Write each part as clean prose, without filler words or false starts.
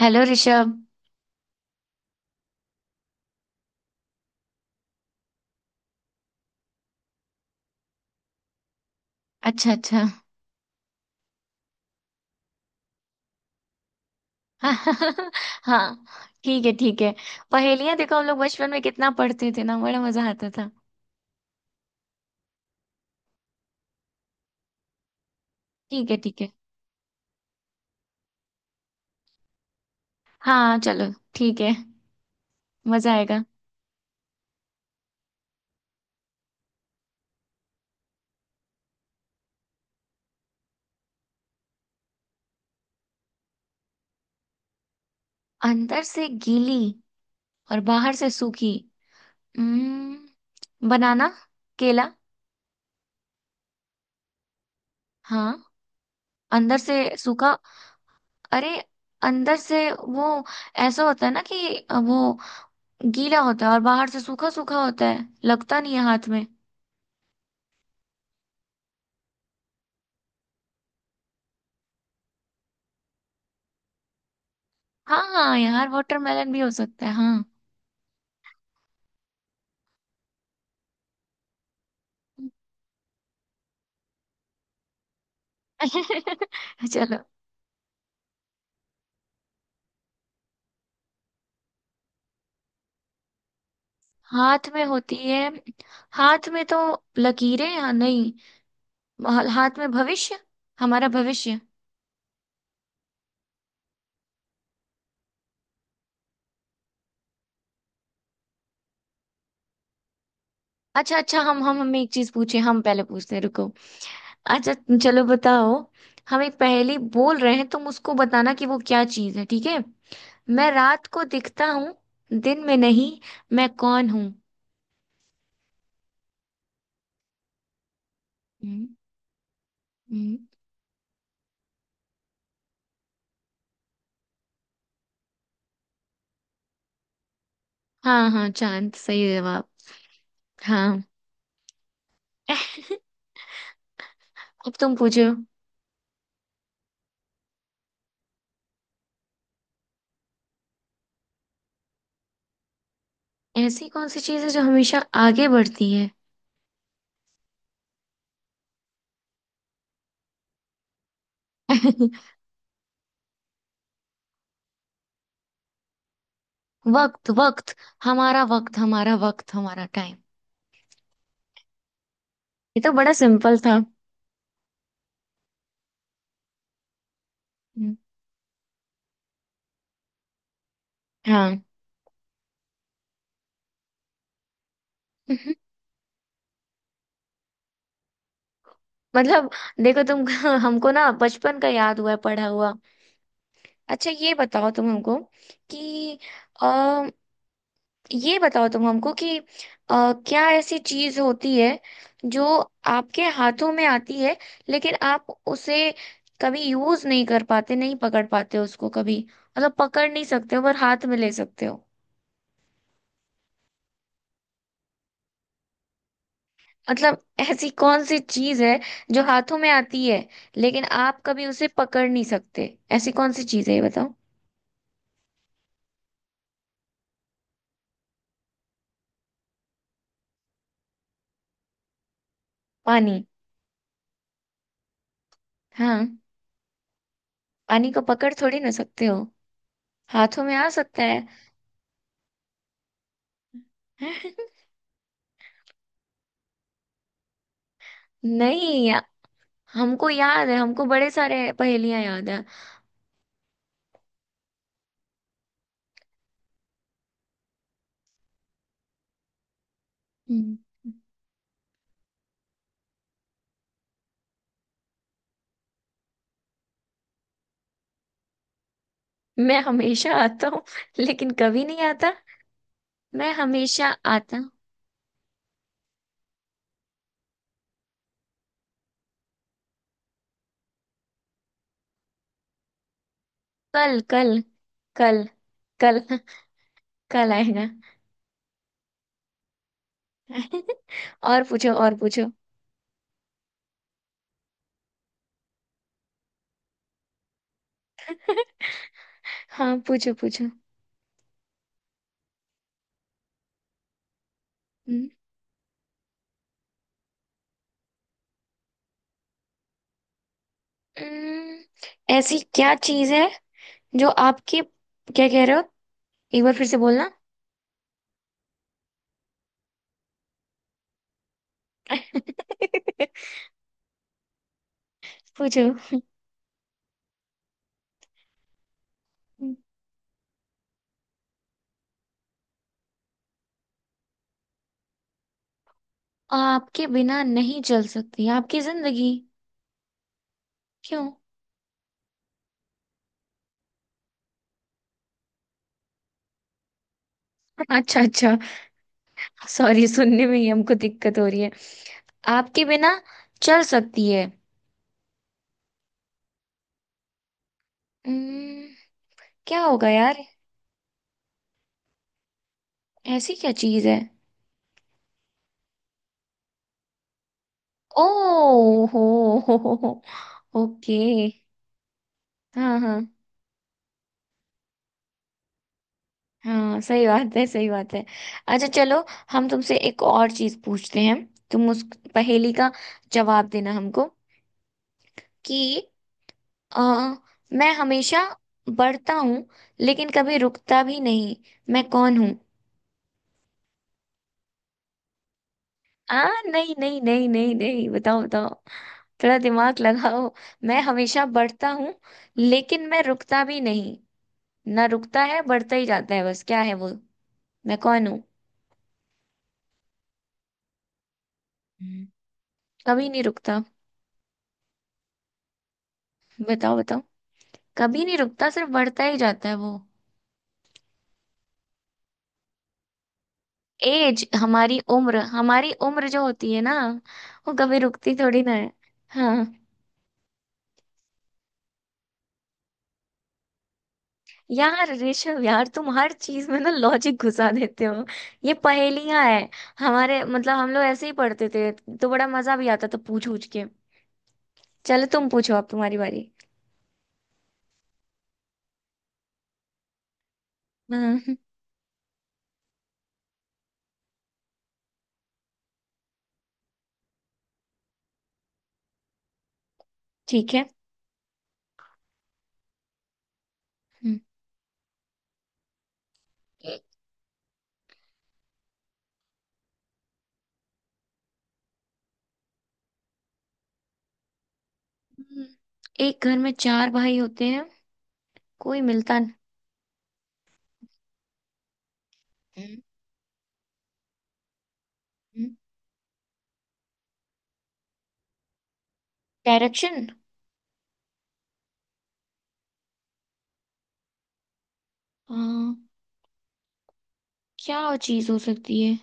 Hello Rishabh. अच्छा अच्छा। हाँ, ठीक है ठीक है। पहेलियां देखो, हम लोग बचपन में कितना पढ़ते थे ना, बड़ा मजा आता था। ठीक है ठीक है। हाँ चलो ठीक है। मजा आएगा। अंदर से गीली और बाहर से सूखी। बनाना। केला। हाँ। अंदर से सूखा। अरे, अंदर से वो ऐसा होता है ना कि वो गीला होता है और बाहर से सूखा सूखा होता है, लगता नहीं है हाथ में। हाँ हाँ यार, वाटरमेलन भी हो सकता है। हाँ। चलो। हाथ में होती है। हाथ में तो लकीरें या नहीं। हाथ में भविष्य। हमारा भविष्य। अच्छा अच्छा, हम हमें एक चीज पूछे, हम पहले पूछते हैं, रुको। अच्छा चलो, बताओ। हम एक पहेली बोल रहे हैं, तुम उसको बताना कि वो क्या चीज है, ठीक है। मैं रात को दिखता हूँ, दिन में नहीं। मैं कौन हूँ। हम्म, हम्म। हाँ हाँ, चांद सही जवाब। हाँ। अब तुम पूछो। ऐसी कौन सी चीज है जो हमेशा आगे बढ़ती है। वक्त वक्त। हमारा वक्त, हमारा वक्त, हमारा टाइम। ये तो बड़ा सिंपल था। हम्म, हाँ। मतलब देखो तुम, हमको ना बचपन का याद हुआ है पढ़ा हुआ। अच्छा ये बताओ तुम हमको कि ये बताओ तुम हमको कि क्या ऐसी चीज होती है जो आपके हाथों में आती है, लेकिन आप उसे कभी यूज नहीं कर पाते, नहीं पकड़ पाते उसको कभी, मतलब पकड़ नहीं सकते हो पर हाथ में ले सकते हो। मतलब ऐसी कौन सी चीज है जो हाथों में आती है लेकिन आप कभी उसे पकड़ नहीं सकते। ऐसी कौन सी चीज है ये बताओ। पानी। हाँ, पानी को पकड़ थोड़ी ना सकते हो। हाथों में आ सकता है। नहीं, हमको याद है, हमको बड़े सारे पहेलियां याद है। हम्म। मैं हमेशा आता हूँ लेकिन कभी नहीं आता। मैं हमेशा आता हूँ। कल कल। कल। कल। कल आएगा। और पूछो और पूछो। हाँ पूछो पूछो। हम्म, हम्म, ऐसी क्या चीज है जो आपके, क्या कह रहे हो? एक बार फिर से बोलना। पूछो। आपके बिना नहीं चल सकती आपकी जिंदगी। क्यों? अच्छा अच्छा, सॉरी सुनने में ही हमको दिक्कत हो रही है। आपके बिना चल सकती है। हम्म, क्या होगा यार, ऐसी क्या चीज है? ओ, हो हो हो। ओके। हाँ हाँ, हाँ सही बात है, सही बात है। अच्छा चलो, हम तुमसे एक और चीज पूछते हैं, तुम उस पहेली का जवाब देना हमको कि अ, मैं हमेशा बढ़ता हूँ लेकिन कभी रुकता भी नहीं। मैं कौन हूँ? आ नहीं नहीं नहीं नहीं नहीं, बताओ बताओ, थोड़ा दिमाग लगाओ। मैं हमेशा बढ़ता हूँ लेकिन मैं रुकता भी नहीं। ना रुकता है, बढ़ता ही जाता है बस, क्या है वो? मैं कौन हूँ? हम्म, कभी नहीं रुकता। बताओ बताओ। कभी नहीं रुकता, सिर्फ बढ़ता ही जाता है वो। एज, हमारी उम्र, हमारी उम्र जो होती है ना, वो कभी रुकती थोड़ी ना है। हाँ। यार ऋषभ, यार तुम हर चीज में ना लॉजिक घुसा देते हो। ये पहेलियां है, हमारे मतलब हम लोग ऐसे ही पढ़ते थे, तो बड़ा मजा भी आता था पूछ पूछ के। चलो तुम पूछो, अब तुम्हारी बारी। हम्म, ठीक है। हम्म। हम्म, एक घर में चार भाई होते हैं। कोई मिलता नहीं। डायरेक्शन। हाँ, क्या चीज हो सकती है?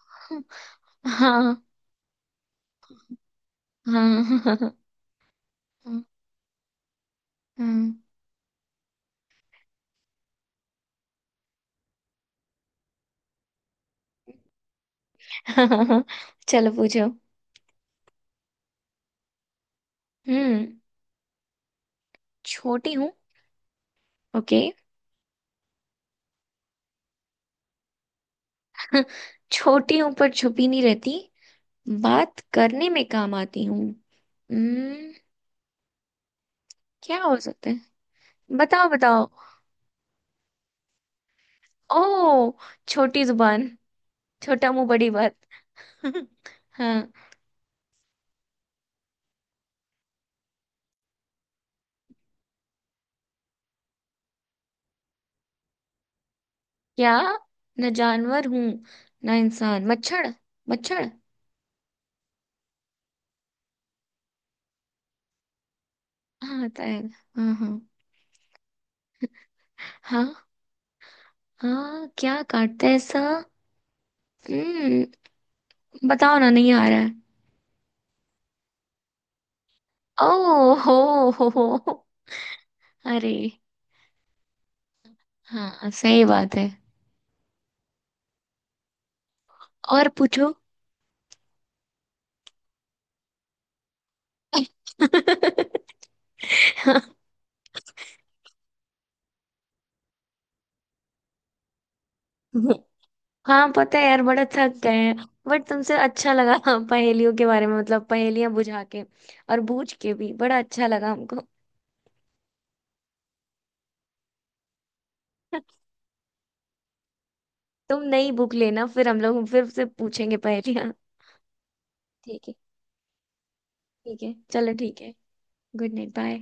हाँ हाँ हाँ। हाँ, हाँ, चलो पूछो। हम्म छोटी हूँ। ओके। छोटी हूँ पर छुपी नहीं रहती। बात करने में काम आती हूँ। हम्म क्या हो सकता है? बताओ बताओ। ओ, छोटी जुबान। छोटा मुंह बड़ी बात। हाँ। क्या? न जानवर हूँ न इंसान, मच्छर। मच्छर। हाँ होता है। हाँ हाँ। हाँ। हाँ, क्या काटता है ऐसा? हम्म बताओ ना, नहीं आ रहा है। ओ हो, हो हो। अरे, हाँ सही बात है। और पूछो। हाँ। हाँ पता है यार, बड़ा थक गए हैं। बट तुमसे अच्छा लगा, पहेलियों के बारे में मतलब पहेलियां बुझा के और बूझ के भी बड़ा अच्छा लगा हमको। तुम नई बुक लेना, फिर हम लोग फिर से पूछेंगे पहेलियां। ठीक है ठीक है, चलो ठीक है। Good night, bye.